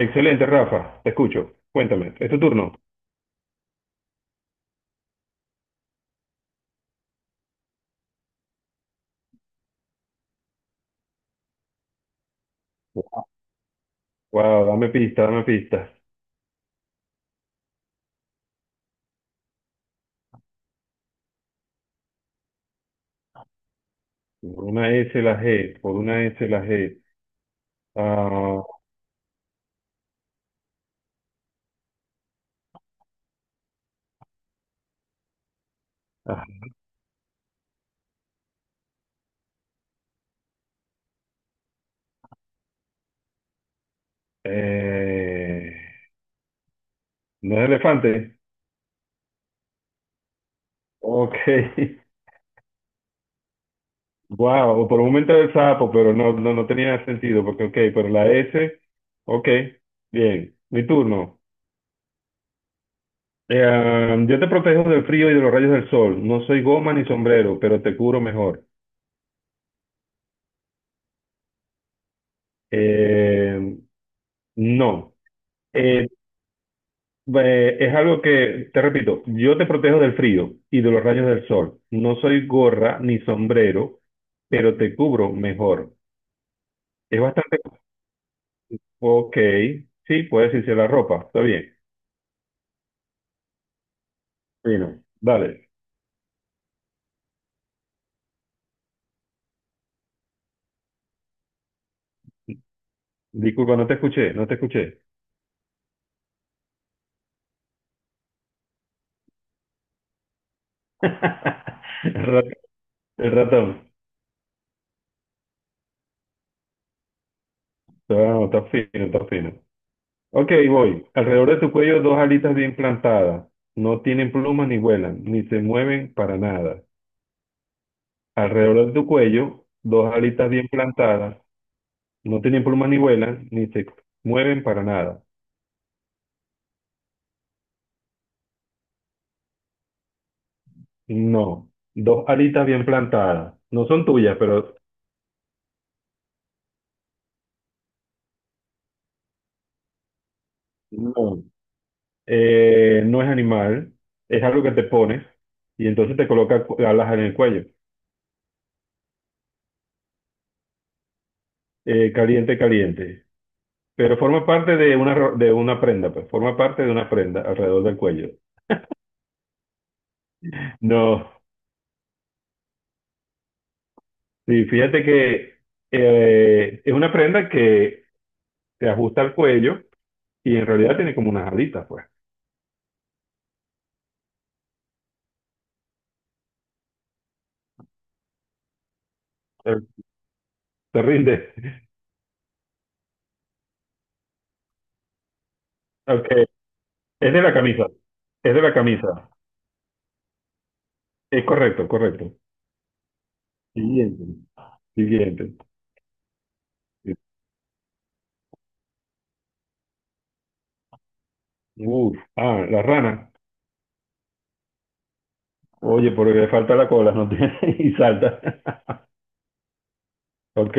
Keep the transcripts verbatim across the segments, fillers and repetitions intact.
Excelente, Rafa, te escucho. Cuéntame, ¿es tu turno? Wow, dame pista, dame pista. Por una S la G, por una S la G. Ah, ah, eh, ¿no es elefante? Ok. Wow, por un momento era el sapo, pero no, no, no tenía sentido, porque ok, pero la S, ok, bien, mi turno. Eh, yo te protejo del frío y de los rayos del sol. No soy goma ni sombrero, pero te curo mejor. Eh, no. Eh, Eh, es algo que, te repito, yo te protejo del frío y de los rayos del sol. No soy gorra ni sombrero, pero te cubro mejor. Es bastante... Ok, sí, puedes irse la ropa, está bien. Bueno, dale. Disculpa, no te escuché, no te escuché. El rat- el ratón. Ah, está fino, está fino. Ok, voy. Alrededor de tu cuello dos alitas bien plantadas. No tienen plumas ni vuelan, ni se mueven para nada. Alrededor de tu cuello, dos alitas bien plantadas. No tienen plumas ni vuelan, ni se mueven para nada. No, dos alitas bien plantadas. No son tuyas, pero no. Eh, no es animal, es algo que te pones y entonces te coloca cu- alas en el cuello. Eh, caliente, caliente. Pero forma parte de una, ro- de una prenda, pues forma parte de una prenda alrededor del cuello. No, sí, fíjate que eh, es una prenda que se ajusta al cuello. Y en realidad tiene como unas alitas, pues. Te, te rinde. Ok. Es de la camisa. Es de la camisa. Es correcto, correcto. Siguiente. Siguiente. Uf. Ah, la rana. Oye, porque le falta la cola, ¿no tiene? Y salta. Ok.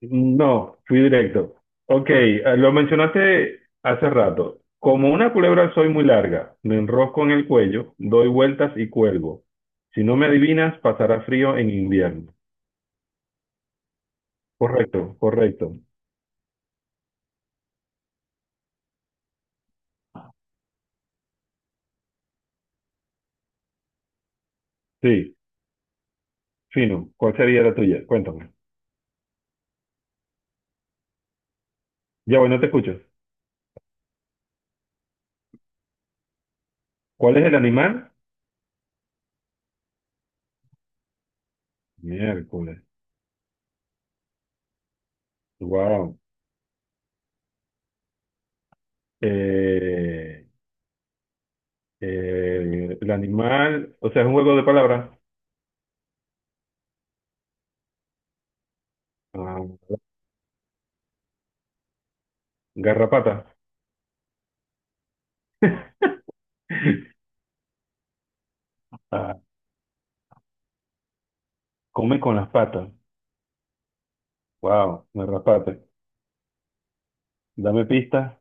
No, fui directo. Ok, eh, lo mencionaste hace rato. Como una culebra soy muy larga, me enrosco en el cuello, doy vueltas y cuelgo. Si no me adivinas, pasará frío en invierno. Correcto, correcto. Sí. Fino, ¿cuál sería la tuya? Cuéntame. Ya, bueno, te escucho. ¿Cuál es el animal? Miércoles. Wow. Eh, eh, el animal, o sea, es un juego de palabras. Ah, garrapata. Ah, come con las patas. Wow, garrapata. Dame pistas.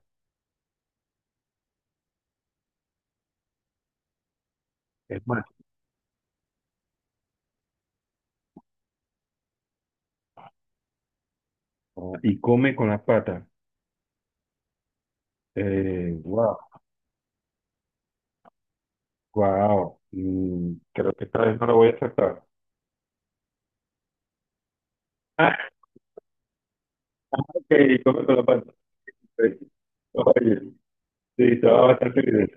Es más. Ah, y come con las patas. Eh, wow, wow. Mm, creo que esta vez no lo voy a aceptar. Ah, ok, come con las patas. Ok. Oye, sí, estaba bastante bien.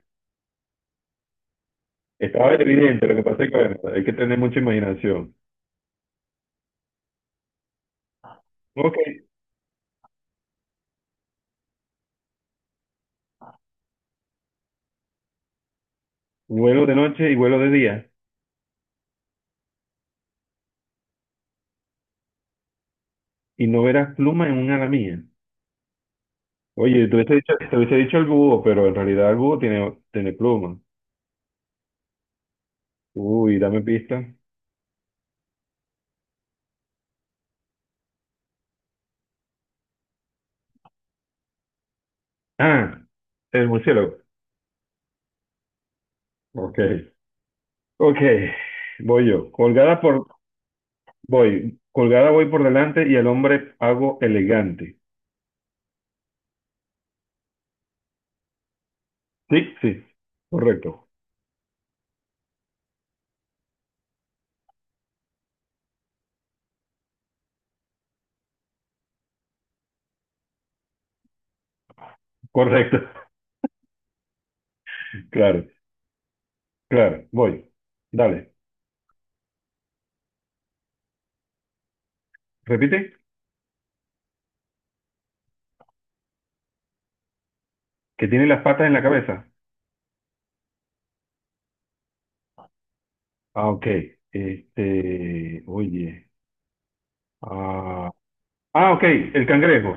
Estaba evidente, lo que pasa es que bueno, hay que tener mucha imaginación. Ok, vuelo de noche y vuelo de día, y no verás pluma en un ala mía. Oye, te hubiese dicho, te hubiese dicho el búho, pero en realidad el búho tiene, tiene pluma. Uy, dame pista. Ah, el murciélago. Ok, ok, voy yo. Colgada por, voy, colgada voy por delante y el hombre hago elegante. Sí, sí, correcto, correcto. Claro, claro, voy. Dale, repite. Que tiene las patas en la cabeza. Ah, ok. Este, oye. Ah, Ah, ok, el cangrejo.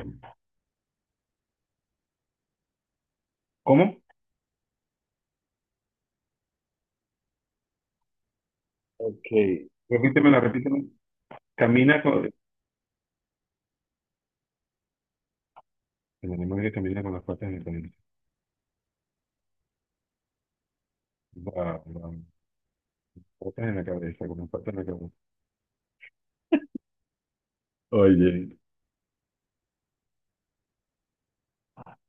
¿Cómo? Ok. Repítemela, repítemela. Camina con... El animal que camina con las patas en la cabeza. La- la- patas en la cabeza, con las patas en la cabeza. Oye,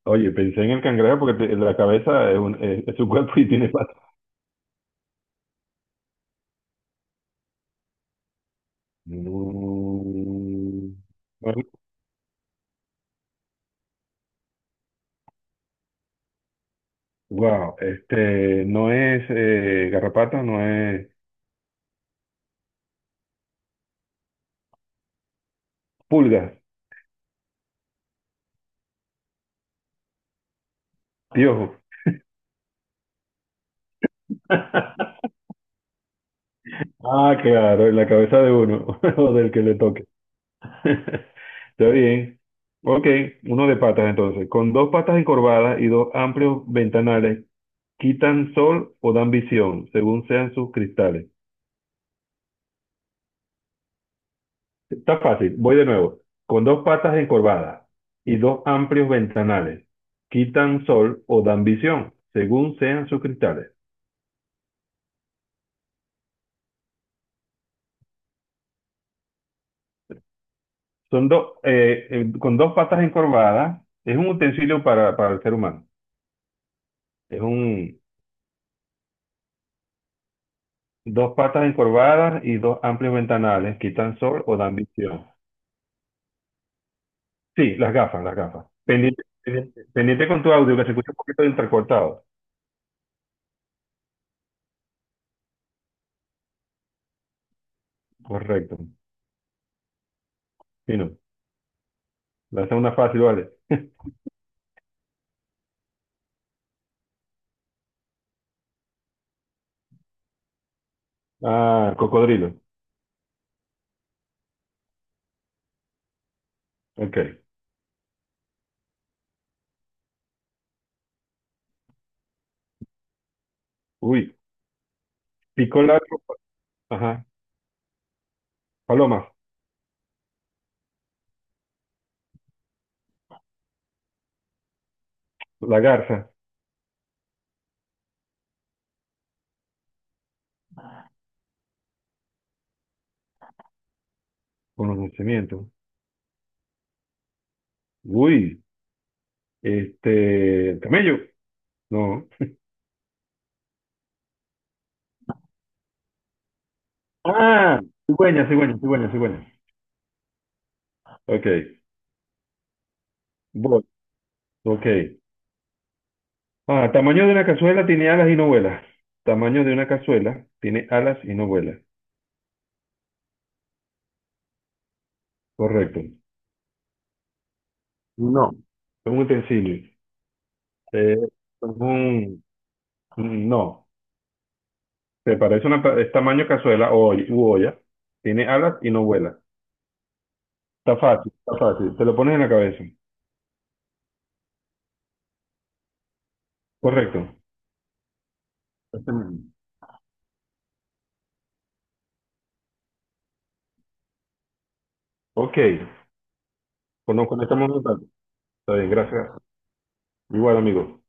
oye, pensé en el cangrejo porque te- la cabeza es, un- es- es su cuerpo y tiene patas. Mm, bueno, wow, este, no es eh, garrapata, no es pulga piojo. Ah, claro, en la cabeza de uno o del que le toque. Está bien. Ok, uno de patas entonces. Con dos patas encorvadas y dos amplios ventanales, quitan sol o dan visión, según sean sus cristales. Está fácil, voy de nuevo. Con dos patas encorvadas y dos amplios ventanales, quitan sol o dan visión, según sean sus cristales. Son dos, eh, eh, con dos patas encorvadas, es un utensilio para, para el ser humano. Es un dos patas encorvadas y dos amplios ventanales, quitan sol o dan visión. Sí, las gafas, las gafas. Pendiente, pendiente, pendiente con tu audio, que se escucha un poquito de entrecortado. Correcto. Fino. Lanza una fácil, vale. Ah, cocodrilo. Ok. Uy. Pico largo. Ajá. Paloma. La garza. Conocimiento. Uy. Este. Camello. No. Ah, cigüeña, cigüeña, cigüeña, cigüeña. Ok. Voy. Ok. Ah, tamaño de una cazuela tiene alas y no vuela. Tamaño de una cazuela tiene alas y no vuela. Correcto. No. Es un utensilio. Eh, es un... No. Se parece una... pa- Es tamaño cazuela o oll- u olla. Tiene alas y no vuela. Está fácil, está fácil. Te lo pones en la cabeza. Correcto. Este mismo. Ok. Pues nos conectamos un rato. Está bien, gracias. Igual, amigo.